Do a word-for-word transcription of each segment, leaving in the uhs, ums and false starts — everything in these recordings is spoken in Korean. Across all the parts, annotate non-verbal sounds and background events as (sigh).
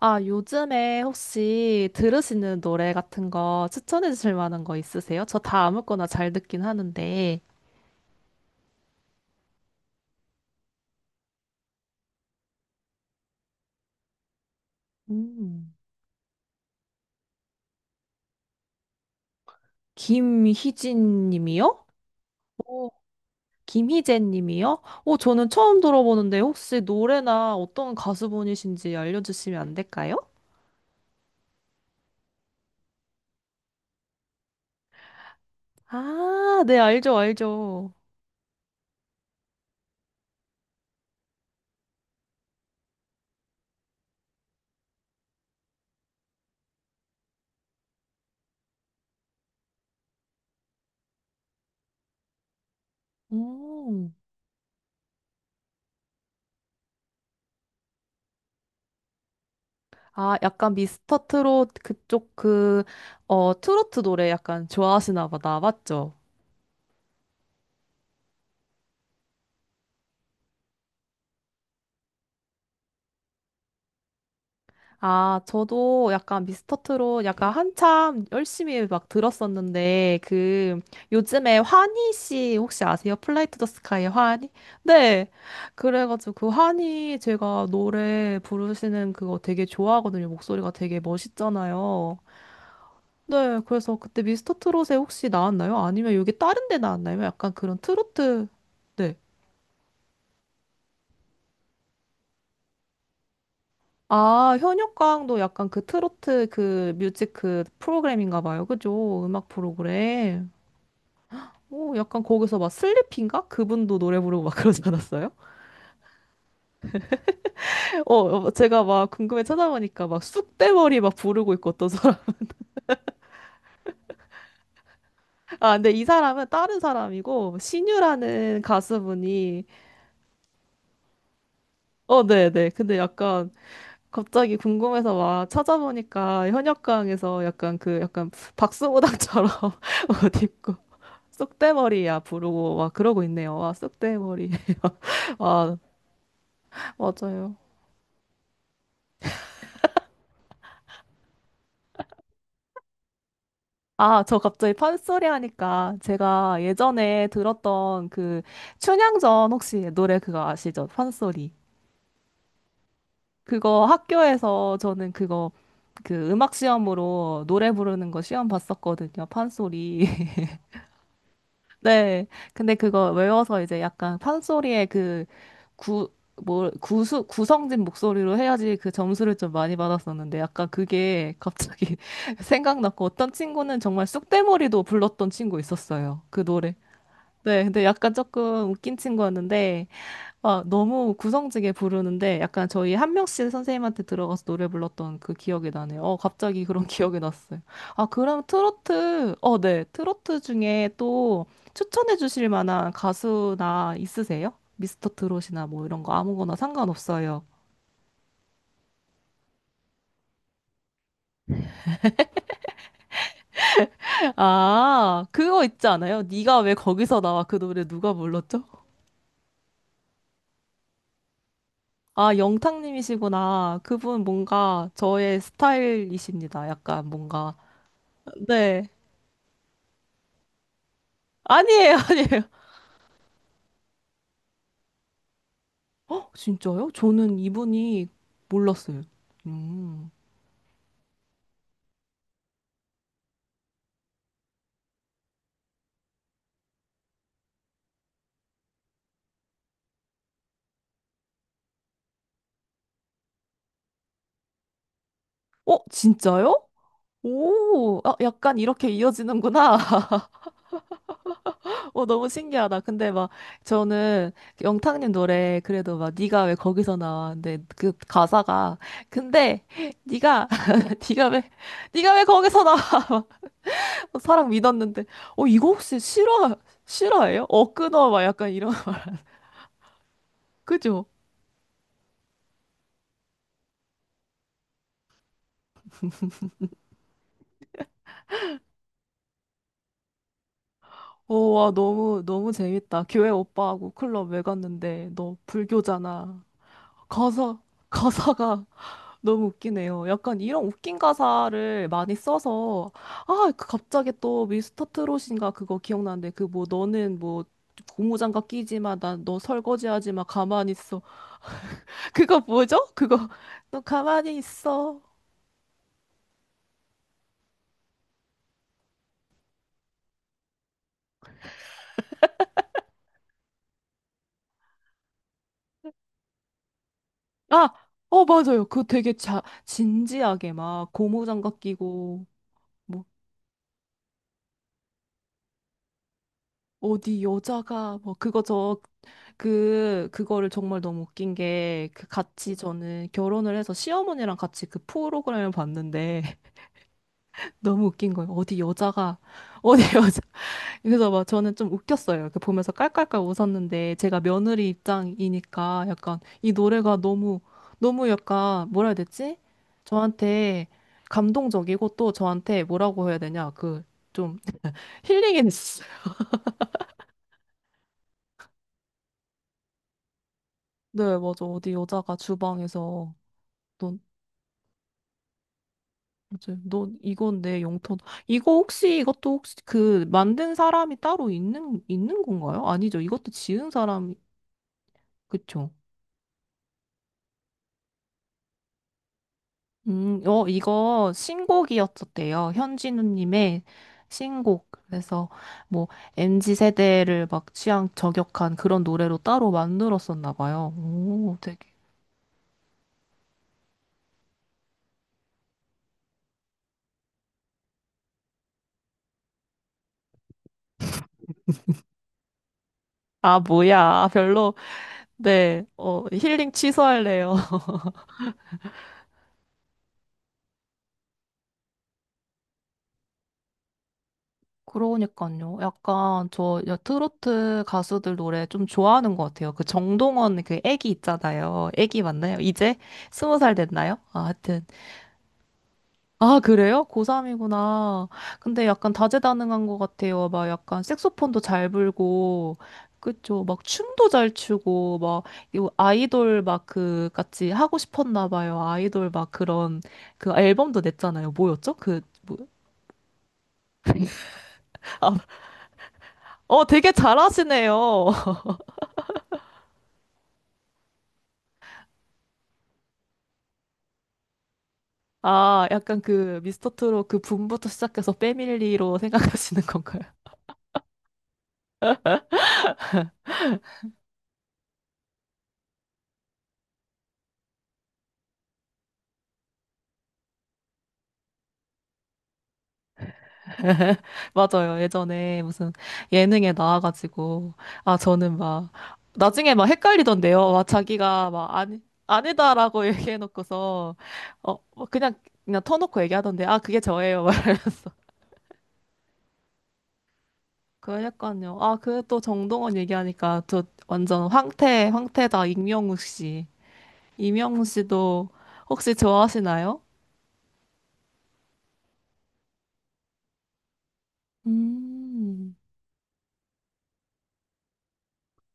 아, 요즘에 혹시 들으시는 노래 같은 거 추천해 주실 만한 거 있으세요? 저 다 아무거나 잘 듣긴 하는데. 음. 김희진 님이요? 오, 김희재 님이요? 오, 저는 처음 들어보는데 혹시 노래나 어떤 가수분이신지 알려주시면 안 될까요? 아, 네, 알죠, 알죠. 음. 아, 약간 미스터 트롯 그쪽 그, 어, 트로트 노래 약간 좋아하시나 보다. 맞죠? 아, 저도 약간 미스터 트롯 약간 한참 열심히 막 들었었는데, 그, 요즘에 환희 씨 혹시 아세요? 플라이 투 더 스카이의 환희? 네. 그래가지고 그 환희 제가 노래 부르시는 그거 되게 좋아하거든요. 목소리가 되게 멋있잖아요. 네. 그래서 그때 미스터 트롯에 혹시 나왔나요? 아니면 여기 다른 데 나왔나요? 약간 그런 트로트. 네. 아, 현역가왕도 약간 그 트로트 그 뮤직 그 프로그램인가 봐요. 그죠? 음악 프로그램. 오, 약간 거기서 막 슬리피인가? 그분도 노래 부르고 막 그러지 않았어요? (laughs) 어, 어, 제가 막 궁금해 찾아보니까 막 쑥대머리 막 부르고 있고 어떤 사람. (laughs) 아, 근데 이 사람은 다른 사람이고, 신유라는 가수분이, 어, 네네. 근데 약간 갑자기 궁금해서 막 찾아보니까 현역가왕에서 약간 그, 약간 박수무당처럼 (laughs) 옷 입고. 쑥대머리야 부르고 와 그러고 있네요. 와 쑥대머리. (laughs) 와 맞아요. 아, 저 갑자기 판소리 하니까 제가 예전에 들었던 그 춘향전 혹시 노래 그거 아시죠? 판소리. 그거 학교에서 저는 그거 그 음악 시험으로 노래 부르는 거 시험 봤었거든요. 판소리. (laughs) 네. 근데 그거 외워서 이제 약간 판소리의 그 구, 뭐, 구수, 구성진 목소리로 해야지 그 점수를 좀 많이 받았었는데 약간 그게 갑자기 (laughs) 생각났고 어떤 친구는 정말 쑥대머리도 불렀던 친구 있었어요. 그 노래. 네. 근데 약간 조금 웃긴 친구였는데 아, 너무 구성지게 부르는데 약간 저희 한 명씩 선생님한테 들어가서 노래 불렀던 그 기억이 나네요. 어, 갑자기 그런 (laughs) 기억이 났어요. 아, 그럼 트로트, 어, 네. 트로트 중에 또 추천해 주실 만한 가수나 있으세요? 미스터 트롯이나 뭐 이런 거 아무거나 상관없어요. 아, 그거 있지 않아요? 네가 왜 거기서 나와? 그 노래 누가 불렀죠? 아, 영탁님이시구나. 그분 뭔가 저의 스타일이십니다. 약간 뭔가. 네. 아니에요, (laughs) 아니에요. 어, 진짜요? 저는 이분이 몰랐어요. 음. 어, 진짜요? 오, 아, 약간 이렇게 이어지는구나. (laughs) 어, 너무 신기하다. 근데 막 저는 영탁님 노래 그래도 막 네가 왜 거기서 나와? 근데 그 가사가 근데 네가 (laughs) 네가 왜 네가 왜 거기서 나와? (laughs) 막 사랑 믿었는데 어 이거 혹시 실화 실화예요? 어 끊어 막 약간 이런 (laughs) 그죠? 오, 와, 너무, 너무 재밌다. 교회 오빠하고 클럽 왜 갔는데, 너 불교잖아. 가사, 가사가 (laughs) 너무 웃기네요. 약간 이런 웃긴 가사를 많이 써서, 아, 그 갑자기 또 미스터 트롯인가 그거 기억나는데, 그 뭐, 너는 뭐, 고무장갑 끼지 마, 난 너 설거지 하지 마, 가만히 있어. 그거 뭐죠? 그거, (laughs) 너 가만히 있어. 아, 어, 맞아요. 그 되게 자, 진지하게 막 고무장갑 끼고, 뭐 어디 여자가 뭐 그거 저 그 그거를 정말 너무 웃긴 게 그 같이 저는 결혼을 해서 시어머니랑 같이 그 프로그램을 봤는데 (laughs) 너무 웃긴 거예요. 어디 여자가 어디 (laughs) 여자 그래서 막 저는 좀 웃겼어요. 그 보면서 깔깔깔 웃었는데 제가 며느리 입장이니까 약간 이 노래가 너무 너무 약간 뭐라 해야 되지? 저한테 감동적이고 또 저한테 뭐라고 해야 되냐 그 좀 힐링이 됐어요. (laughs) 네, 맞아. 어디 여자가 주방에서 넌 맞아요. 너 이건 내 영토다. 이거 혹시 이것도 혹시 그 만든 사람이 따로 있는 있는 건가요? 아니죠. 이것도 지은 사람이 그쵸? 음, 어 이거 신곡이었었대요. 현진우님의 신곡. 그래서 뭐 엠지 세대를 막 취향 저격한 그런 노래로 따로 만들었었나 봐요. 오, 되게. 아, 뭐야. 아, 별로. 네. 어, 힐링 취소할래요. 그러니까요. 약간 저 여- 트로트 가수들 노래 좀 좋아하는 것 같아요. 그 정동원 그 애기 있잖아요. 애기 맞나요? 이제 스무 살 됐나요? 아, 하여튼. 아, 그래요? 고삼이구나. 근데 약간 다재다능한 것 같아요. 막 약간 색소폰도 잘 불고, 그쵸. 막 춤도 잘 추고, 막, 이 아이돌 막 그, 같이 하고 싶었나 봐요. 아이돌 막 그런, 그 앨범도 냈잖아요. 뭐였죠? 그, 뭐, 아, 어, 되게 잘하시네요. 아, 약간 그 미스터 트롯 그 붐부터 시작해서 패밀리로 생각하시는 건가요? (laughs) 맞아요. 예전에 무슨 예능에 나와가지고 아 저는 막 나중에 막 헷갈리던데요. 막 자기가 막 아니 아니다라고 (laughs) 얘기해놓고서 어뭐 그냥 그냥 터놓고 얘기하던데 아 그게 저예요. 막. (laughs) 그러니까요. 아 그 또 정동원 얘기하니까 저 완전 황태 황태다 임영웅 씨. 임영웅 씨도 혹시 좋아하시나요? 음.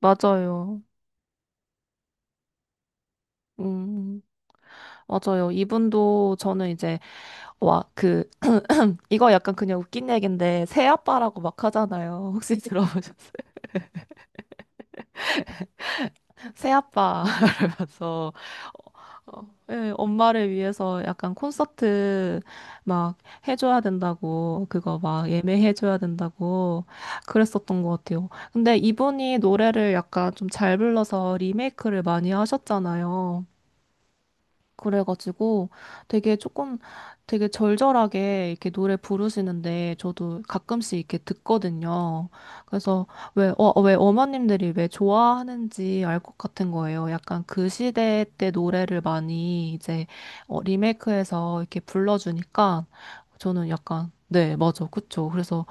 맞아요. 음, 맞아요. 이분도 저는 이제, 와, 그, 이거 약간 그냥 웃긴 얘기인데, 새아빠라고 막 하잖아요. 혹시 (laughs) 들어보셨어요? 새아빠, (laughs) 이러면서, 어, 어, 예, 엄마를 위해서 약간 콘서트 막 해줘야 된다고, 그거 막 예매해줘야 된다고 그랬었던 것 같아요. 근데 이분이 노래를 약간 좀 잘 불러서 리메이크를 많이 하셨잖아요. 그래가지고 되게 조금 되게 절절하게 이렇게 노래 부르시는데 저도 가끔씩 이렇게 듣거든요. 그래서 왜, 어, 왜 어머님들이 왜 좋아하는지 알 것 같은 거예요. 약간 그 시대 때 노래를 많이 이제 어, 리메이크해서 이렇게 불러주니까 저는 약간 네, 맞아. 그쵸. 그래서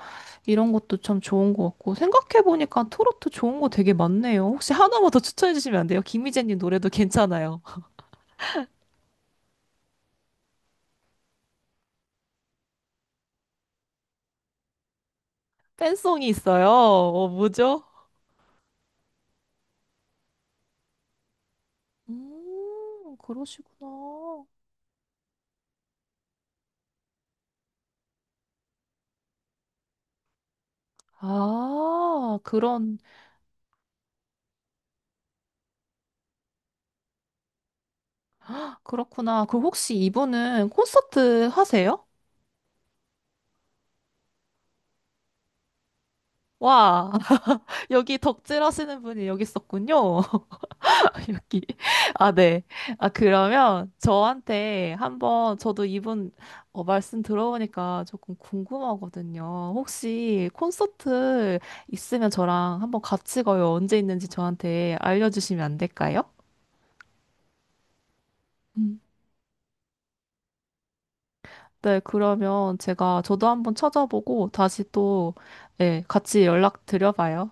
이런 것도 참 좋은 것 같고 생각해보니까 트로트 좋은 거 되게 많네요. 혹시 하나만 더 추천해주시면 안 돼요? 김희재님 노래도 괜찮아요. 팬송이 있어요. 어, 뭐죠? 음, 그러시구나. 아, 그런, 그렇구나. 그 혹시 이분은 콘서트 하세요? 와, (laughs) 여기 덕질 하시는 분이 여기 있었군요. (laughs) 여기. 아, 네. 아, 그러면 저한테 한번 저도 이분 어, 말씀 들어보니까 조금 궁금하거든요. 혹시 콘서트 있으면 저랑 한번 같이 가요. 언제 있는지 저한테 알려주시면 안 될까요? 네, 그러면 제가 저도 한번 찾아보고 다시 또, 네, 같이 연락드려봐요.